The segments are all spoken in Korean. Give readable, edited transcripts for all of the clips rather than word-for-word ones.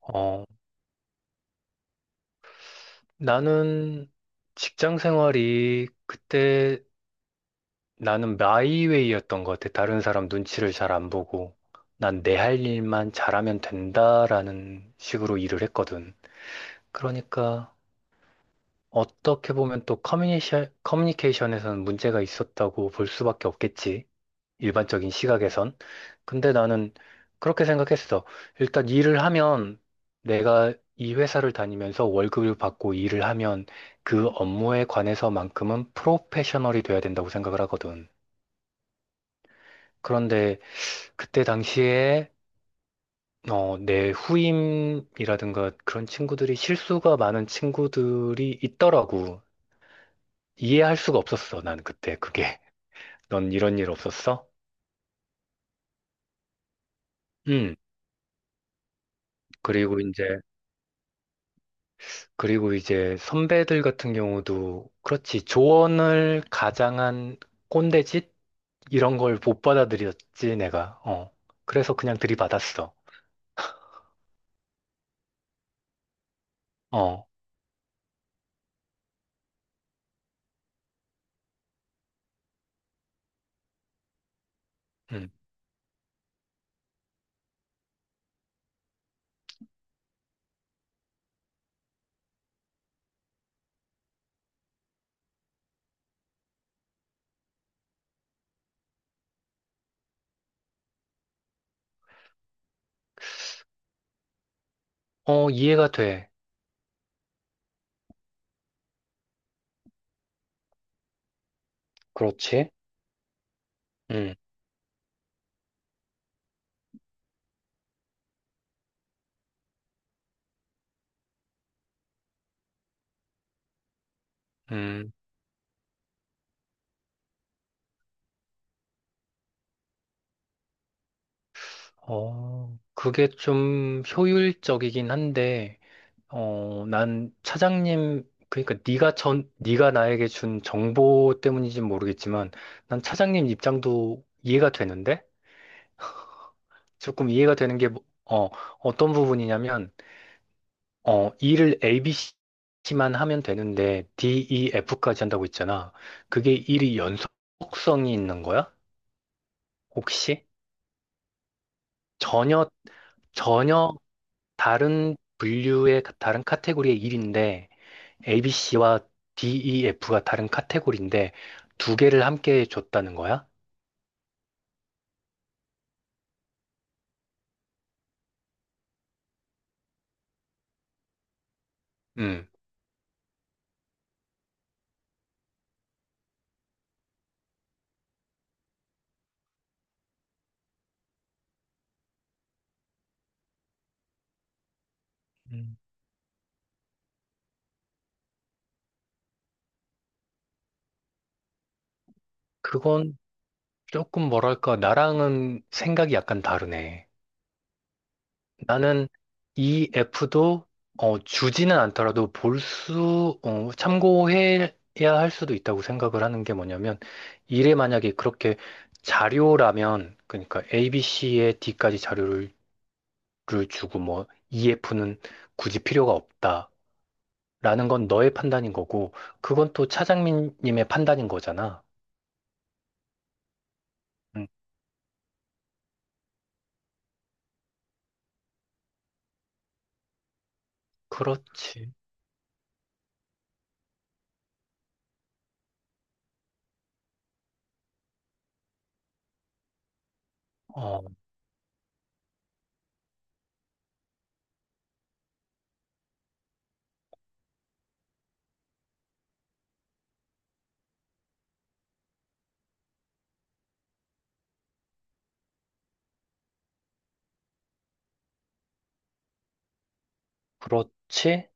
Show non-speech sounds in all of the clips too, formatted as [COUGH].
어, 나는 직장 생활이 그때 나는 마이웨이였던 것 같아. 다른 사람 눈치를 잘 안 보고 난 내 할 일만 잘하면 된다라는 식으로 일을 했거든. 그러니까 어떻게 보면 또 커뮤니케이션, 커뮤니케이션에서는 문제가 있었다고 볼 수밖에 없겠지. 일반적인 시각에선. 근데 나는 그렇게 생각했어. 일단 일을 하면 내가 이 회사를 다니면서 월급을 받고 일을 하면 그 업무에 관해서만큼은 프로페셔널이 돼야 된다고 생각을 하거든. 그런데 그때 당시에 내 후임이라든가 그런 친구들이 실수가 많은 친구들이 있더라고. 이해할 수가 없었어, 난 그때 그게. [LAUGHS] 넌 이런 일 없었어? 응. 그리고 이제 그리고 이제 선배들 같은 경우도 그렇지, 조언을 가장한 꼰대짓 이런 걸 못 받아들였지 내가. 그래서 그냥 들이받았어. 어. 음. 어, 이해가 돼. 그렇지. 음. 음. 어, 그게 좀 효율적이긴 한데, 어 난 차장님 그러니까 네가 나에게 준 정보 때문인지는 모르겠지만 난 차장님 입장도 이해가 되는데, 조금 이해가 되는 게, 어떤 부분이냐면, 어, E를 ABC만 하면 되는데, DEF까지 한다고 했잖아. 그게 일이 연속성이 있는 거야? 혹시? 전혀, 전혀 다른 분류의, 다른 카테고리의 일인데, ABC와 DEF가 다른 카테고리인데, 두 개를 함께 줬다는 거야? 음. 음. 그건 조금 뭐랄까, 나랑은 생각이 약간 다르네. 나는 EF도 주지는 않더라도 참고해야 할 수도 있다고 생각을 하는 게 뭐냐면, 이래 만약에 그렇게 자료라면, 그러니까 ABC에 D까지 자료를 를 주고 뭐 EF는 굳이 필요가 없다라는 건 너의 판단인 거고, 그건 또 차장님의 판단인 거잖아. 음, 그렇지. 어, 그렇지.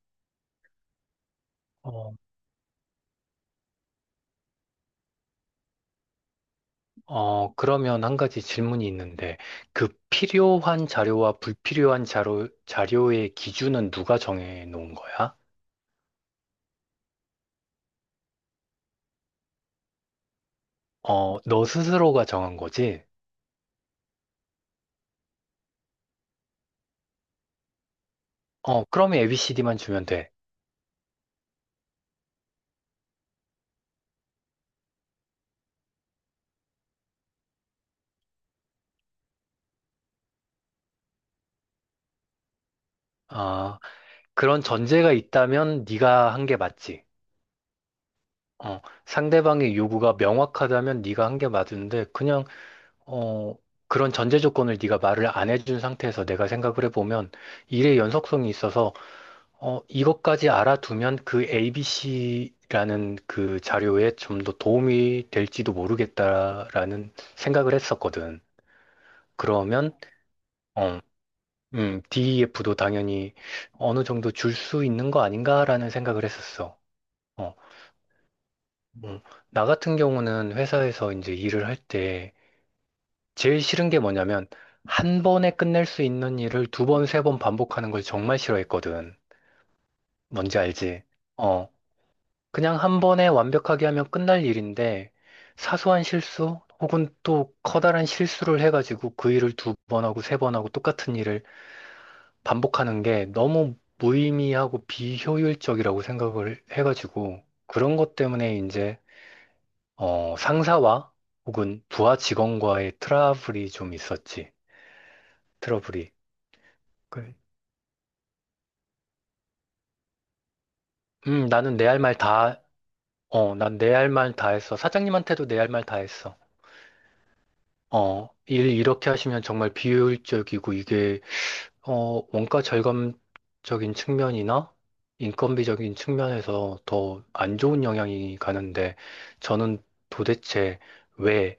어, 그러면 한 가지 질문이 있는데, 그 필요한 자료와 불필요한 자료, 자료의 기준은 누가 정해 놓은 거야? 어, 너 스스로가 정한 거지? 어, 그러면 ABCD만 주면 돼. 아, 그런 전제가 있다면 네가 한 게 맞지. 어, 상대방의 요구가 명확하다면 네가 한 게 맞는데, 그냥, 어, 그런 전제 조건을 네가 말을 안 해준 상태에서 내가 생각을 해보면 일의 연속성이 있어서, 이것까지 알아두면 그 ABC라는 그 자료에 좀 더 도움이 될지도 모르겠다라는 생각을 했었거든. 그러면, 어, DEF도 당연히 어느 정도 줄 수 있는 거 아닌가라는 생각을 했었어. 어, 음, 나 같은 경우는 회사에서 이제 일을 할 때 제일 싫은 게 뭐냐면, 한 번에 끝낼 수 있는 일을 두 번, 세 번 반복하는 걸 정말 싫어했거든. 뭔지 알지? 어, 그냥 한 번에 완벽하게 하면 끝날 일인데, 사소한 실수 혹은 또 커다란 실수를 해가지고 그 일을 두 번 하고 세 번 하고 똑같은 일을 반복하는 게 너무 무의미하고 비효율적이라고 생각을 해가지고, 그런 것 때문에 이제, 상사와 혹은 부하 직원과의 트러블이 좀 있었지. 트러블이. 그래. 나는 내 할 말 다, 어, 난 내 할 말 다 했어. 사장님한테도 내 할 말 다 했어. 일 이렇게 하시면 정말 비효율적이고, 이게 원가 절감적인 측면이나 인건비적인 측면에서 더 안 좋은 영향이 가는데 저는 도대체 왜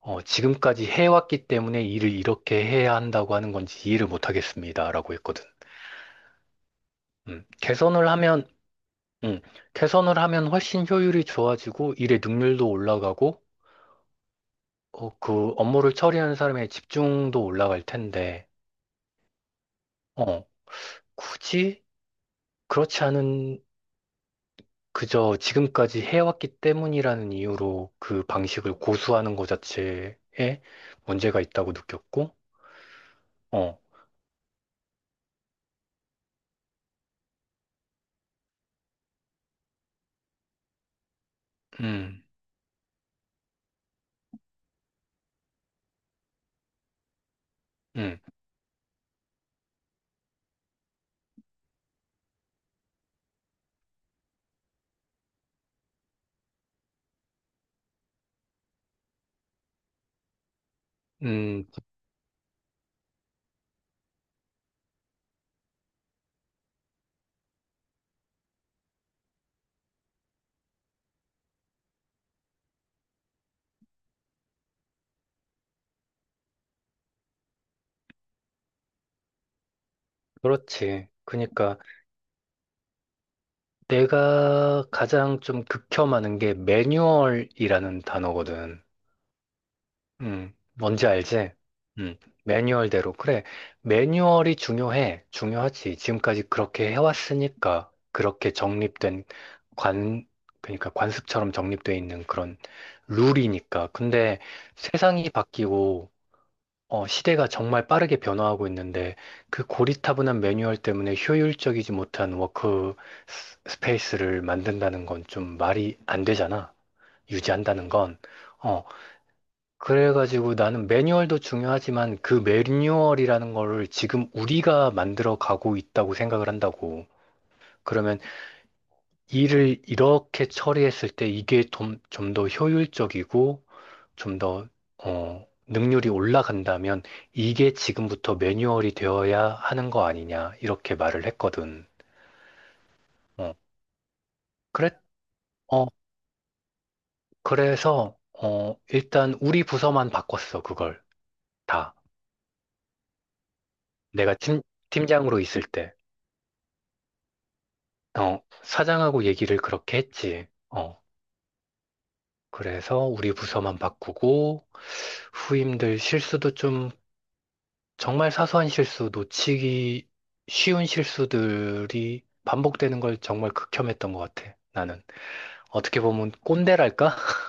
지금까지 해왔기 때문에 일을 이렇게 해야 한다고 하는 건지 이해를 못 하겠습니다라고 했거든. 음, 개선을 하면 음, 개선을 하면 훨씬 효율이 좋아지고 일의 능률도 올라가고, 그 업무를 처리하는 사람의 집중도 올라갈 텐데 어, 굳이 그렇지 않은, 그저 지금까지 해왔기 때문이라는 이유로 그 방식을 고수하는 것 자체에 문제가 있다고 느꼈고. 어. 음. 음. 음. 그렇지. 그러니까 내가 가장 좀 극혐하는 게 매뉴얼이라는 단어거든. 뭔지 알지? 음, 매뉴얼대로. 그래, 매뉴얼이 중요해. 중요하지. 지금까지 그렇게 해왔으니까, 그렇게 정립된 관, 그러니까 관습처럼 정립되어 있는 그런 룰이니까. 근데 세상이 바뀌고, 시대가 정말 빠르게 변화하고 있는데, 그 고리타분한 매뉴얼 때문에 효율적이지 못한 워크 스페이스를 만든다는 건 좀 말이 안 되잖아. 유지한다는 건. 어, 그래가지고 나는 매뉴얼도 중요하지만 그 매뉴얼이라는 거를 지금 우리가 만들어 가고 있다고 생각을 한다고. 그러면 일을 이렇게 처리했을 때 이게 좀 더 효율적이고 좀 더, 능률이 올라간다면, 이게 지금부터 매뉴얼이 되어야 하는 거 아니냐, 이렇게 말을 했거든. 어, 그래, 어, 그래서, 일단 우리 부서만 바꿨어, 그걸. 다. 내가 팀장으로 있을 때. 사장하고 얘기를 그렇게 했지. 그래서 우리 부서만 바꾸고 후임들 실수도 좀, 정말 사소한 실수, 놓치기 쉬운 실수들이 반복되는 걸 정말 극혐했던 것 같아. 나는 어떻게 보면 꼰대랄까? [LAUGHS]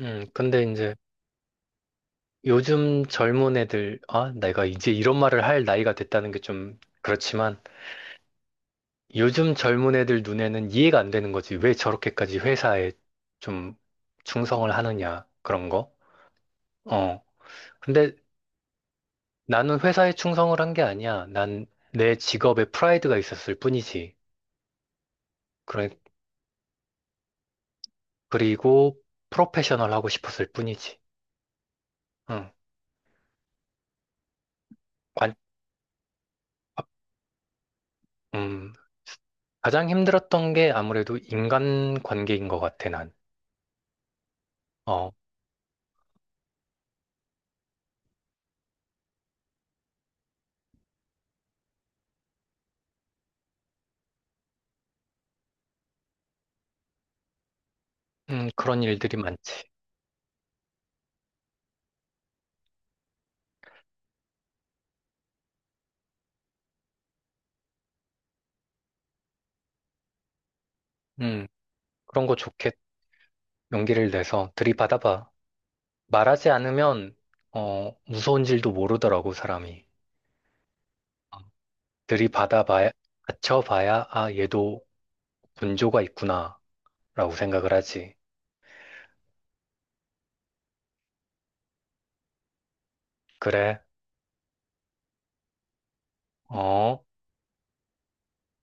근데 이제 요즘 젊은 애들, 아, 내가 이제 이런 말을 할 나이가 됐다는 게 좀 그렇지만, 요즘 젊은 애들 눈에는 이해가 안 되는 거지. 왜 저렇게까지 회사에 좀 충성을 하느냐, 그런 거. 어. 근데 나는 회사에 충성을 한 게 아니야. 난 내 직업에 프라이드가 있었을 뿐이지. 그래, 그리고 프로페셔널 하고 싶었을 뿐이지. 응. 관, 음. 가장 힘들었던 게 아무래도 인간 관계인 것 같아, 난. 어. 그런 일들이 많지. 음. 그런 거 좋게, 용기를 내서 들이받아봐. 말하지 않으면 무서운 줄도 모르더라고 사람이. 어, 들이받아봐야 받쳐봐야 아 얘도 분조가 있구나라고 생각을 하지. 그래. 어.